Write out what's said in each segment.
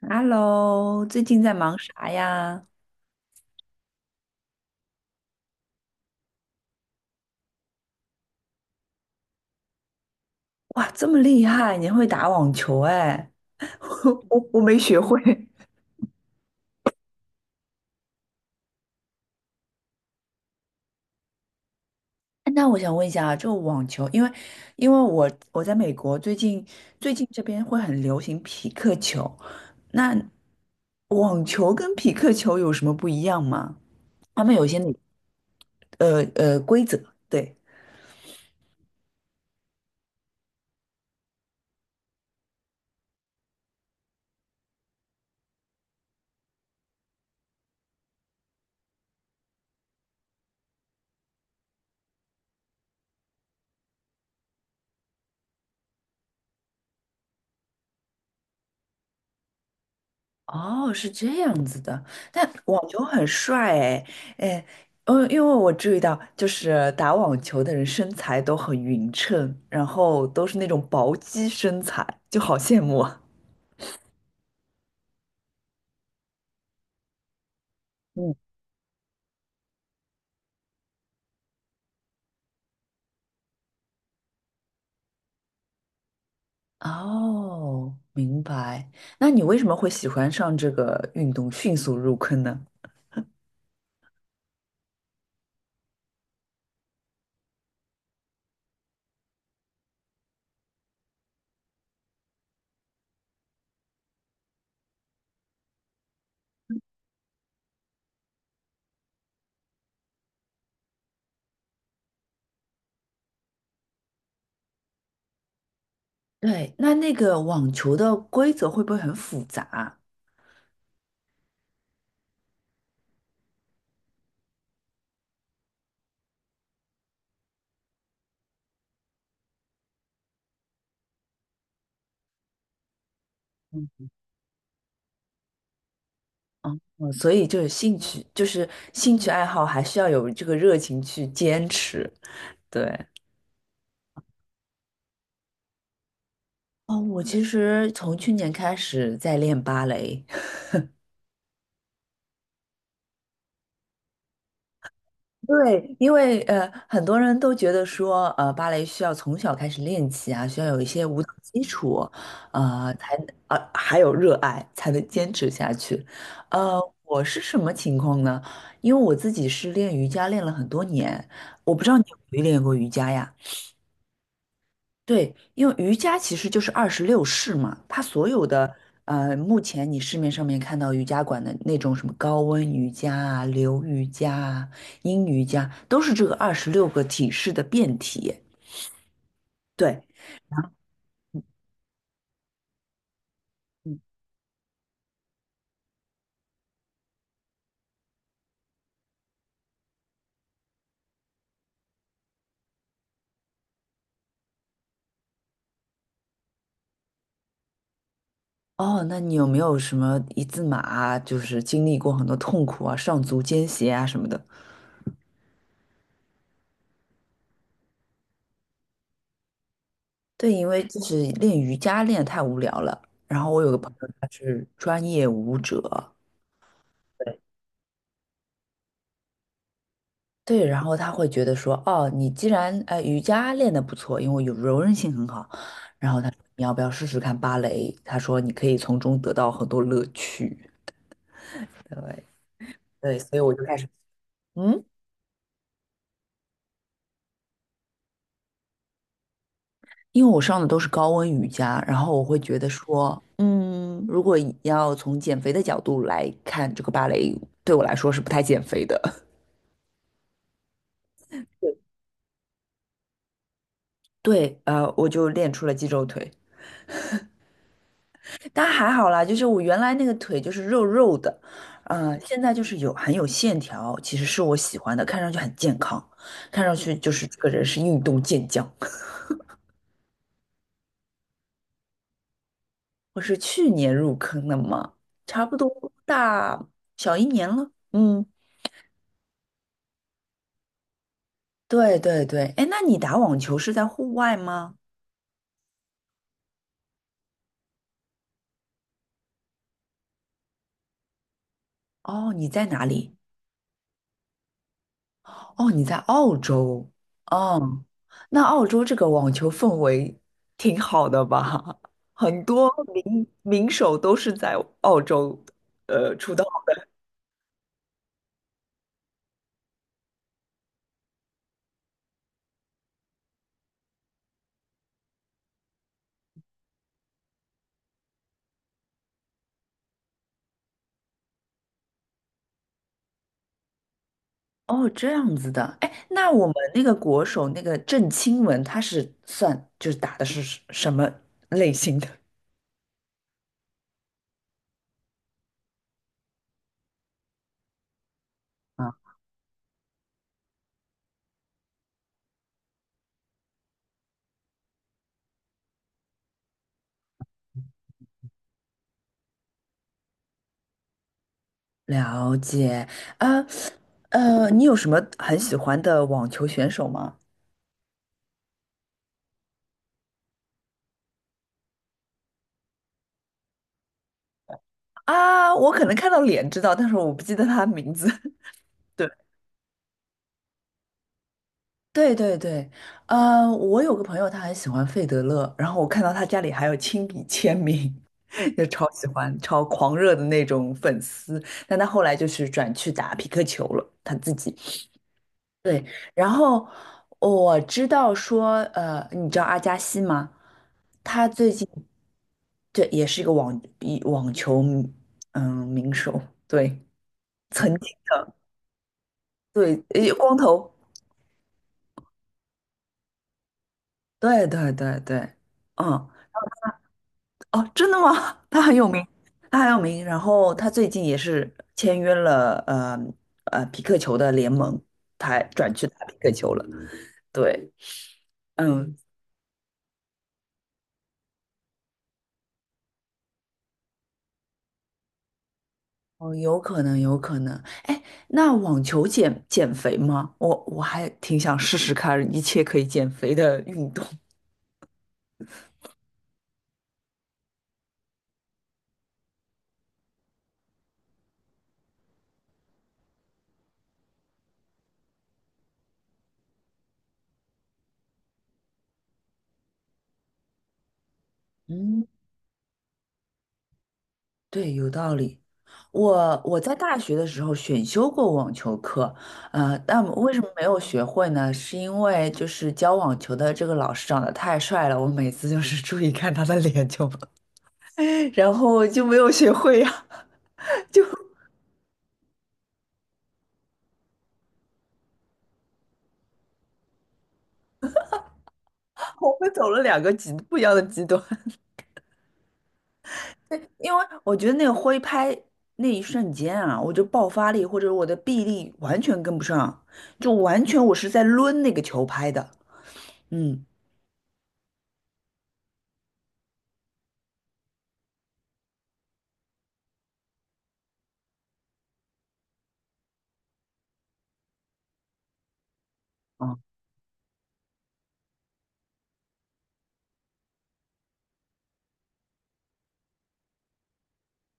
Hello，最近在忙啥呀？哇，这么厉害，你会打网球哎？我没学会。哎那我想问一下啊，就网球，因为我在美国，最近这边会很流行匹克球，那网球跟匹克球有什么不一样吗？他们有一些规则，对。哦，是这样子的，但网球很帅哎，哎，嗯，因为我注意到，就是打网球的人身材都很匀称，然后都是那种薄肌身材，就好羡慕啊。嗯，哦，明白。那你为什么会喜欢上这个运动，迅速入坑呢？对，那那个网球的规则会不会很复杂？嗯，嗯所以就是兴趣，就是兴趣爱好，还需要有这个热情去坚持。对。哦，我其实从去年开始在练芭蕾，对，因为很多人都觉得说，芭蕾需要从小开始练起啊，需要有一些舞蹈基础，呃，才还有热爱才能坚持下去。呃，我是什么情况呢？因为我自己是练瑜伽练了很多年，我不知道你有没有练过瑜伽呀？对，因为瑜伽其实就是26式嘛，它所有的呃，目前你市面上面看到瑜伽馆的那种什么高温瑜伽啊、流瑜伽啊、阴瑜伽，都是这个26个体式的变体。对，哦，那你有没有什么一字马啊，就是经历过很多痛苦啊、上足尖鞋啊什么的？对，因为就是练瑜伽练得太无聊了，然后我有个朋友他是专业舞者。对，然后他会觉得说，哦，你既然瑜伽练得不错，因为有柔韧性很好，然后他说你要不要试试看芭蕾？他说你可以从中得到很多乐趣。对对，所以我就开始，嗯，因为我上的都是高温瑜伽，然后我会觉得说，嗯，如果以要从减肥的角度来看，这个芭蕾对我来说是不太减肥的。对，呃，我就练出了肌肉腿。但还好啦，就是我原来那个腿就是肉肉的，呃，现在就是有很有线条，其实是我喜欢的，看上去很健康，看上去就是这个人是运动健将。我是去年入坑的嘛，差不多大小一年了。嗯，对对对，哎，那你打网球是在户外吗？哦，你在哪里？哦，你在澳洲，哦，那澳洲这个网球氛围挺好的吧？很多名手都是在澳洲出道。哦，这样子的，哎，那我们那个国手那个郑钦文，他是算就是打的是什么类型的？啊， 了解，啊，呃，你有什么很喜欢的网球选手吗？啊，我可能看到脸知道，但是我不记得他的名字。对。对对对，呃，我有个朋友他很喜欢费德勒，然后我看到他家里还有亲笔签名，就超喜欢、超狂热的那种粉丝。但他后来就是转去打匹克球了，他自己。对，然后我知道说，呃，你知道阿加西吗？他最近这也是一个网球嗯名手，对，曾经对，呃光头，对对对对，嗯。哦，真的吗？他很有名，他很有名。然后他最近也是签约了，匹克球的联盟，他转去打匹克球了。对，嗯，哦，有可能，有可能。哎，那网球减肥吗？我还挺想试试看一切可以减肥的运动。嗯，对，有道理。我在大学的时候选修过网球课，呃，但我为什么没有学会呢？是因为就是教网球的这个老师长得太帅了，我每次就是 注意看他的脸就，然后就没有学会呀、我们走了两个极不一样的极端，因为我觉得那个挥拍那一瞬间啊，我就爆发力或者我的臂力完全跟不上，就完全我是在抡那个球拍的，嗯。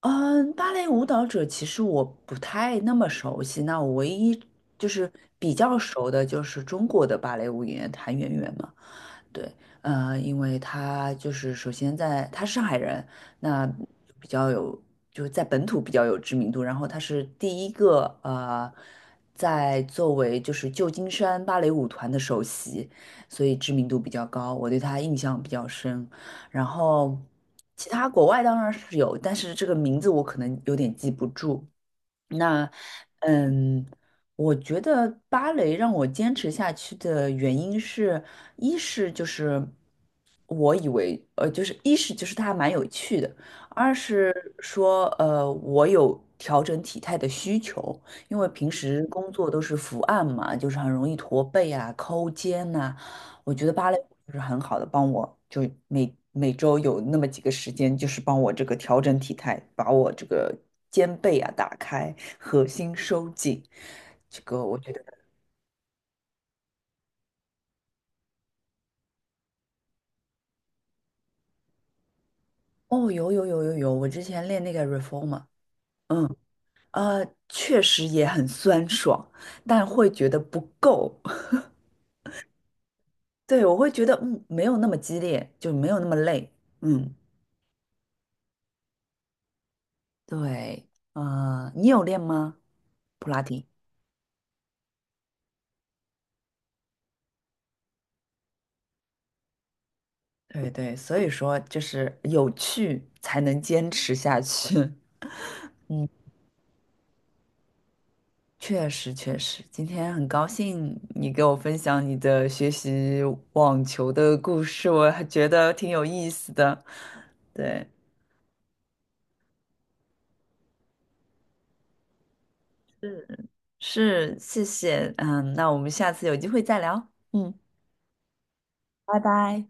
嗯，芭蕾舞蹈者其实我不太那么熟悉，那我唯一就是比较熟的就是中国的芭蕾舞演员谭元元嘛。对，呃，因为他就是首先在他是上海人，那比较有就是在本土比较有知名度，然后他是第一个呃，在作为就是旧金山芭蕾舞团的首席，所以知名度比较高，我对他印象比较深。然后其他国外当然是有，但是这个名字我可能有点记不住。那，嗯，我觉得芭蕾让我坚持下去的原因是，一是就是我以为，呃，就是一是就是它蛮有趣的，二是说，呃，我有调整体态的需求，因为平时工作都是伏案嘛，就是很容易驼背啊、抠肩呐、我觉得芭蕾舞就是很好的帮我，就每每周有那么几个时间，就是帮我这个调整体态，把我这个肩背啊打开，核心收紧。这个我觉得，哦，有有有有有，我之前练那个 reformer，嗯，呃，确实也很酸爽，但会觉得不够。对，我会觉得，嗯，没有那么激烈，就没有那么累。嗯，对，呃，你有练吗？普拉提？对对，所以说就是有趣才能坚持下去。确实确实，今天很高兴你给我分享你的学习网球的故事，我还觉得挺有意思的。对，是，谢谢，嗯，那我们下次有机会再聊，嗯，拜拜。